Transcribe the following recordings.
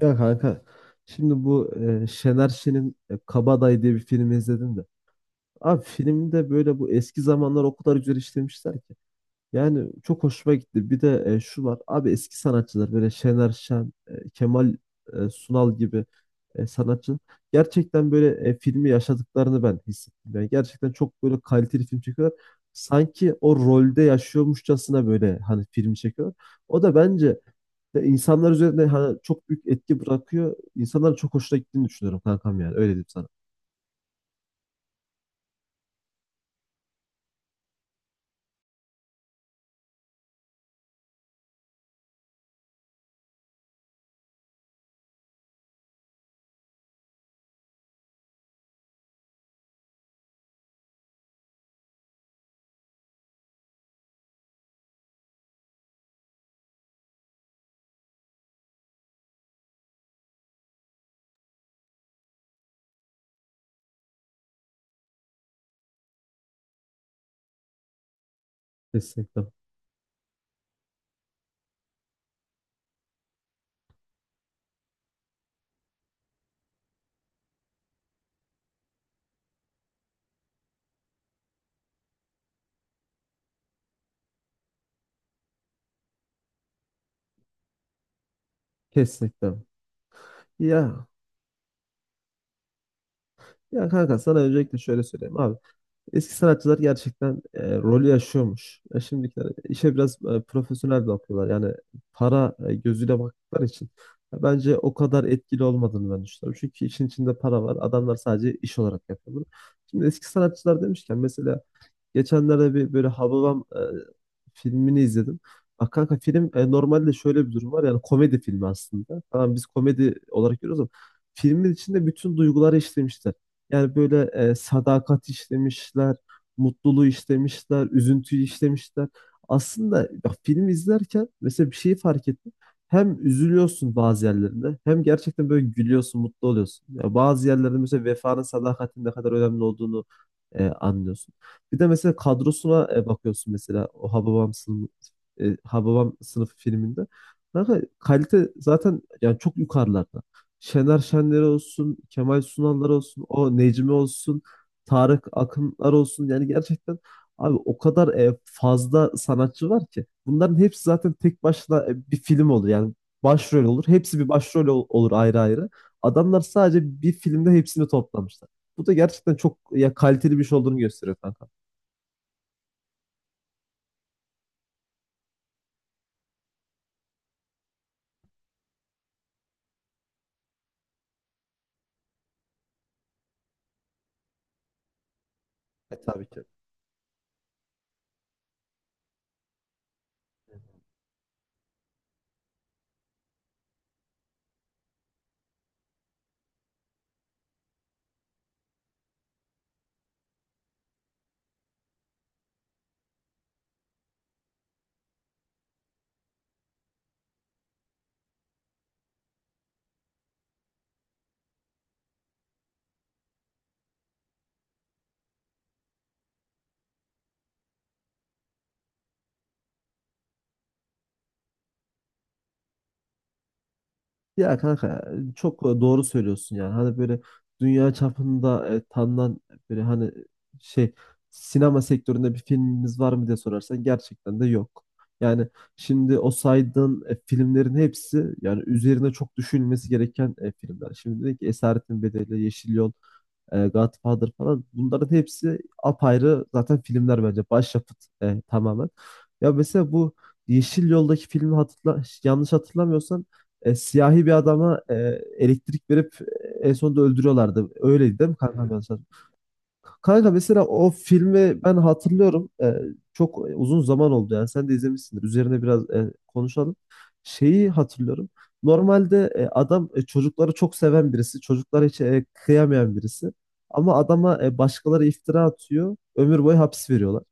Ya kanka şimdi bu Şener Şen'in Kabadayı diye bir filmi izledim de. Abi filmde böyle bu eski zamanlar o kadar güzel işlemişler ki. Yani çok hoşuma gitti. Bir de şu var. Abi eski sanatçılar böyle Şener Şen, Kemal Sunal gibi sanatçı gerçekten böyle filmi yaşadıklarını ben hissettim. Yani gerçekten çok böyle kaliteli film çekiyorlar. Sanki o rolde yaşıyormuşçasına böyle hani filmi çekiyorlar. O da bence de insanlar üzerinde hani çok büyük etki bırakıyor. İnsanların çok hoşuna gittiğini düşünüyorum kankam yani. Öyle diyeyim sana. Kesinlikle. Kesinlikle. Ya ya kanka sana öncelikle şöyle söyleyeyim abi. Eski sanatçılar gerçekten rolü yaşıyormuş. Şimdikiler işe biraz profesyonel bakıyorlar. Yani para gözüyle baktıkları için. Ya bence o kadar etkili olmadığını ben düşünüyorum. Çünkü işin içinde para var. Adamlar sadece iş olarak yapıyor bunu. Şimdi eski sanatçılar demişken mesela geçenlerde bir böyle Hababam filmini izledim. Bak kanka film normalde şöyle bir durum var, yani komedi filmi aslında. Tamam, biz komedi olarak görüyoruz ama filmin içinde bütün duyguları işlemişler. Yani böyle sadakat işlemişler, mutluluğu işlemişler, üzüntüyü işlemişler. Aslında bak, film izlerken mesela bir şeyi fark ettim. Hem üzülüyorsun bazı yerlerinde hem gerçekten böyle gülüyorsun, mutlu oluyorsun. Ya bazı yerlerde mesela vefanın, sadakatin ne kadar önemli olduğunu anlıyorsun. Bir de mesela kadrosuna bakıyorsun, mesela o Hababam sınıfı, Hababam sınıfı filminde. Kanka kalite zaten yani çok yukarılarda. Şener Şenler olsun, Kemal Sunallar olsun, o Necmi olsun, Tarık Akınlar olsun. Yani gerçekten abi o kadar fazla sanatçı var ki. Bunların hepsi zaten tek başına bir film olur. Yani başrol olur. Hepsi bir başrol olur ayrı ayrı. Adamlar sadece bir filmde hepsini toplamışlar. Bu da gerçekten çok ya kaliteli bir şey olduğunu gösteriyor kanka. Tabii ki. Ya kanka çok doğru söylüyorsun yani. Hani böyle dünya çapında tanınan böyle hani şey sinema sektöründe bir filmimiz var mı diye sorarsan gerçekten de yok. Yani şimdi o saydığın filmlerin hepsi yani üzerine çok düşünülmesi gereken filmler. Şimdi dedik ki Esaretin Bedeli, Yeşil Yol, Godfather falan, bunların hepsi apayrı zaten filmler, bence başyapıt tamamen. Ya mesela bu Yeşil Yol'daki filmi hatırla, yanlış hatırlamıyorsam siyahi bir adama elektrik verip en sonunda öldürüyorlardı. Öyleydi değil mi kankam? Evet. Kanka mesela o filmi ben hatırlıyorum. Çok uzun zaman oldu yani. Sen de izlemişsindir. Üzerine biraz konuşalım. Şeyi hatırlıyorum. Normalde adam çocukları çok seven birisi. Çocuklara hiç kıyamayan birisi. Ama adama başkaları iftira atıyor. Ömür boyu hapis veriyorlar.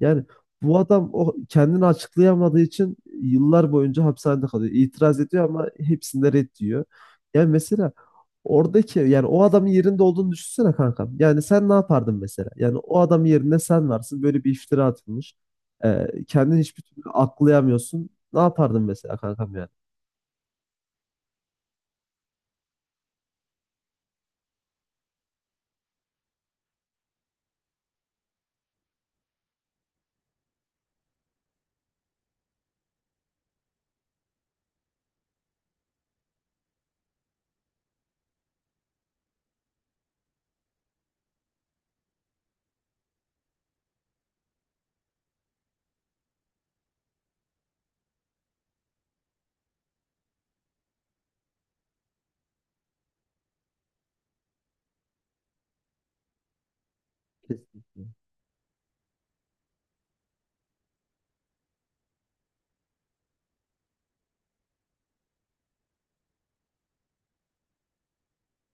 Yani bu adam o kendini açıklayamadığı için yıllar boyunca hapishanede kalıyor. İtiraz ediyor ama hepsinde red diyor. Yani mesela oradaki, yani o adamın yerinde olduğunu düşünsene kankam. Yani sen ne yapardın mesela? Yani o adamın yerinde sen varsın. Böyle bir iftira atılmış. Kendini hiçbir türlü aklayamıyorsun. Ne yapardın mesela kankam yani? Kesinlikle.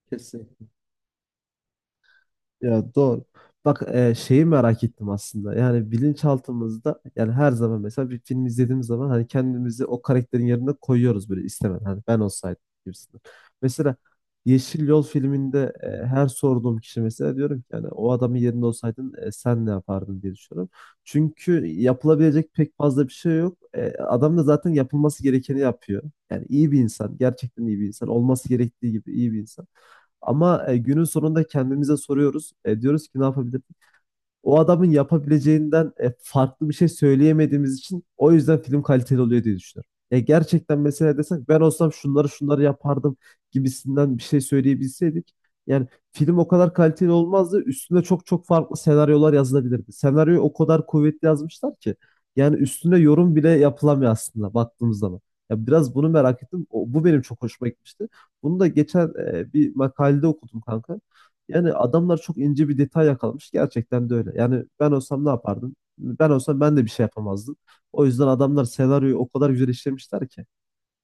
Kesinlikle. Ya doğru. Bak, şeyi merak ettim aslında. Yani bilinçaltımızda yani her zaman mesela bir film izlediğimiz zaman hani kendimizi o karakterin yerine koyuyoruz böyle istemeden. Hani ben olsaydım gibisinden. Mesela Yeşil Yol filminde her sorduğum kişi mesela, diyorum ki yani o adamın yerinde olsaydın sen ne yapardın diye düşünüyorum. Çünkü yapılabilecek pek fazla bir şey yok. E, adam da zaten yapılması gerekeni yapıyor. Yani iyi bir insan, gerçekten iyi bir insan, olması gerektiği gibi iyi bir insan. Ama günün sonunda kendimize soruyoruz. E, diyoruz ki ne yapabiliriz? O adamın yapabileceğinden farklı bir şey söyleyemediğimiz için o yüzden film kaliteli oluyor diye düşünüyorum. Ya gerçekten mesela desek ben olsam şunları şunları yapardım gibisinden bir şey söyleyebilseydik, yani film o kadar kaliteli olmazdı. Üstüne çok çok farklı senaryolar yazılabilirdi. Senaryoyu o kadar kuvvetli yazmışlar ki yani üstüne yorum bile yapılamıyor aslında baktığımız zaman. Ya biraz bunu merak ettim. Bu benim çok hoşuma gitmişti. Bunu da geçen bir makalede okudum kanka. Yani adamlar çok ince bir detay yakalamış. Gerçekten de öyle. Yani ben olsam ne yapardım? Ben olsam ben de bir şey yapamazdım. O yüzden adamlar senaryoyu o kadar güzel işlemişler ki.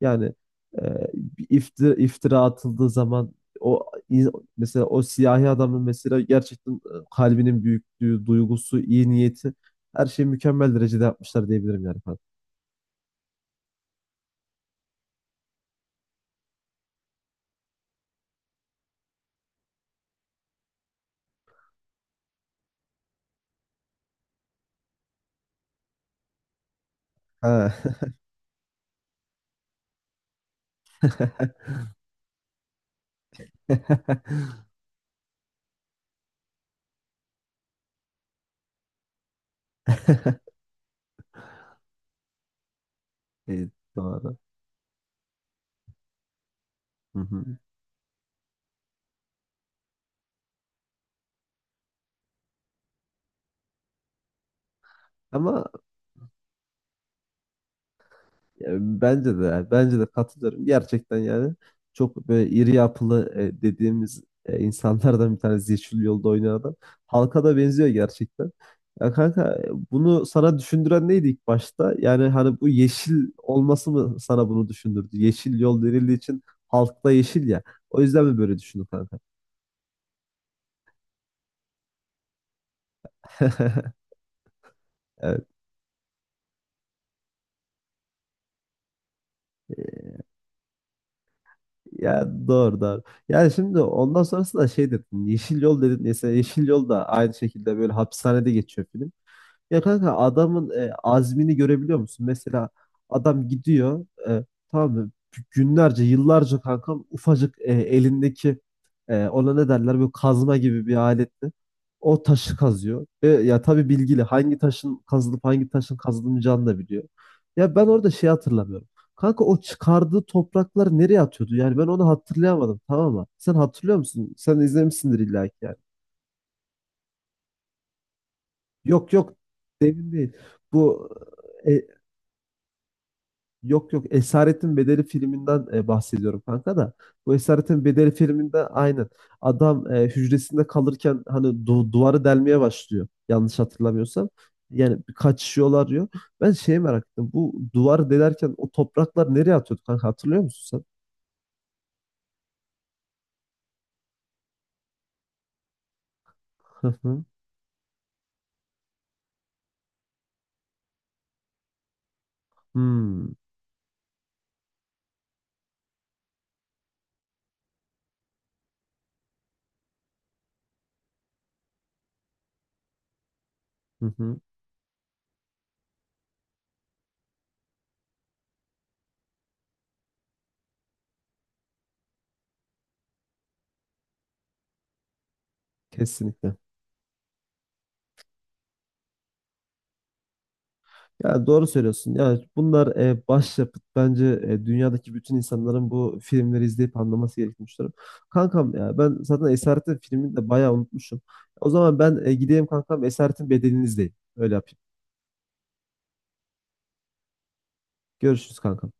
Yani bir iftira atıldığı zaman o in- mesela o siyahi adamın mesela gerçekten kalbinin büyüklüğü, duygusu, iyi niyeti, her şeyi mükemmel derecede yapmışlar diyebilirim yani. Falan. Ha. Evet, doğru. Hı hı. Ama e, bence de yani, bence de katılıyorum. Gerçekten yani çok böyle iri yapılı dediğimiz insanlardan bir tanesi Yeşil Yolda oynayan adam. Halka da benziyor gerçekten. Ya kanka bunu sana düşündüren neydi ilk başta? Yani hani bu yeşil olması mı sana bunu düşündürdü? Yeşil yol denildiği için halkta yeşil ya. O yüzden mi böyle düşündün kanka? Evet. Ya doğru doğru. Yani şimdi ondan sonrası da şey dedin. Yeşil yol dedin. Mesela Yeşil Yol da aynı şekilde böyle hapishanede geçiyor film. Ya kanka adamın azmini görebiliyor musun? Mesela adam gidiyor, tamam mı? Günlerce, yıllarca kankam ufacık elindeki ona ne derler böyle kazma gibi bir aletle o taşı kazıyor. E, ya tabii bilgili, hangi taşın kazılıp hangi taşın kazılmayacağını da biliyor. Ya ben orada şey hatırlamıyorum. Kanka o çıkardığı toprakları nereye atıyordu? Yani ben onu hatırlayamadım, tamam mı? Sen hatırlıyor musun? Sen izlemişsindir illa ki yani. Yok yok, demin değil. Bu e, yok yok, Esaretin Bedeli filminden bahsediyorum kanka da. Bu Esaretin Bedeli filminde aynen adam hücresinde kalırken hani duvarı delmeye başlıyor. Yanlış hatırlamıyorsam. Yani kaçışıyorlar diyor. Ben şeye merak ettim. Bu duvarı delerken o topraklar nereye atıyordu kanka, hatırlıyor musun sen? Hı hı. Hmm. Hı hı. Kesinlikle. Ya doğru söylüyorsun. Ya bunlar başyapıt. Bence dünyadaki bütün insanların bu filmleri izleyip anlaması gerektiğini düşünüyorum. Kankam ya ben zaten Esaret'in filmini de bayağı unutmuşum. O zaman ben gideyim kankam, Esaret'in bedelini izleyeyim. Öyle yapayım. Görüşürüz kankam.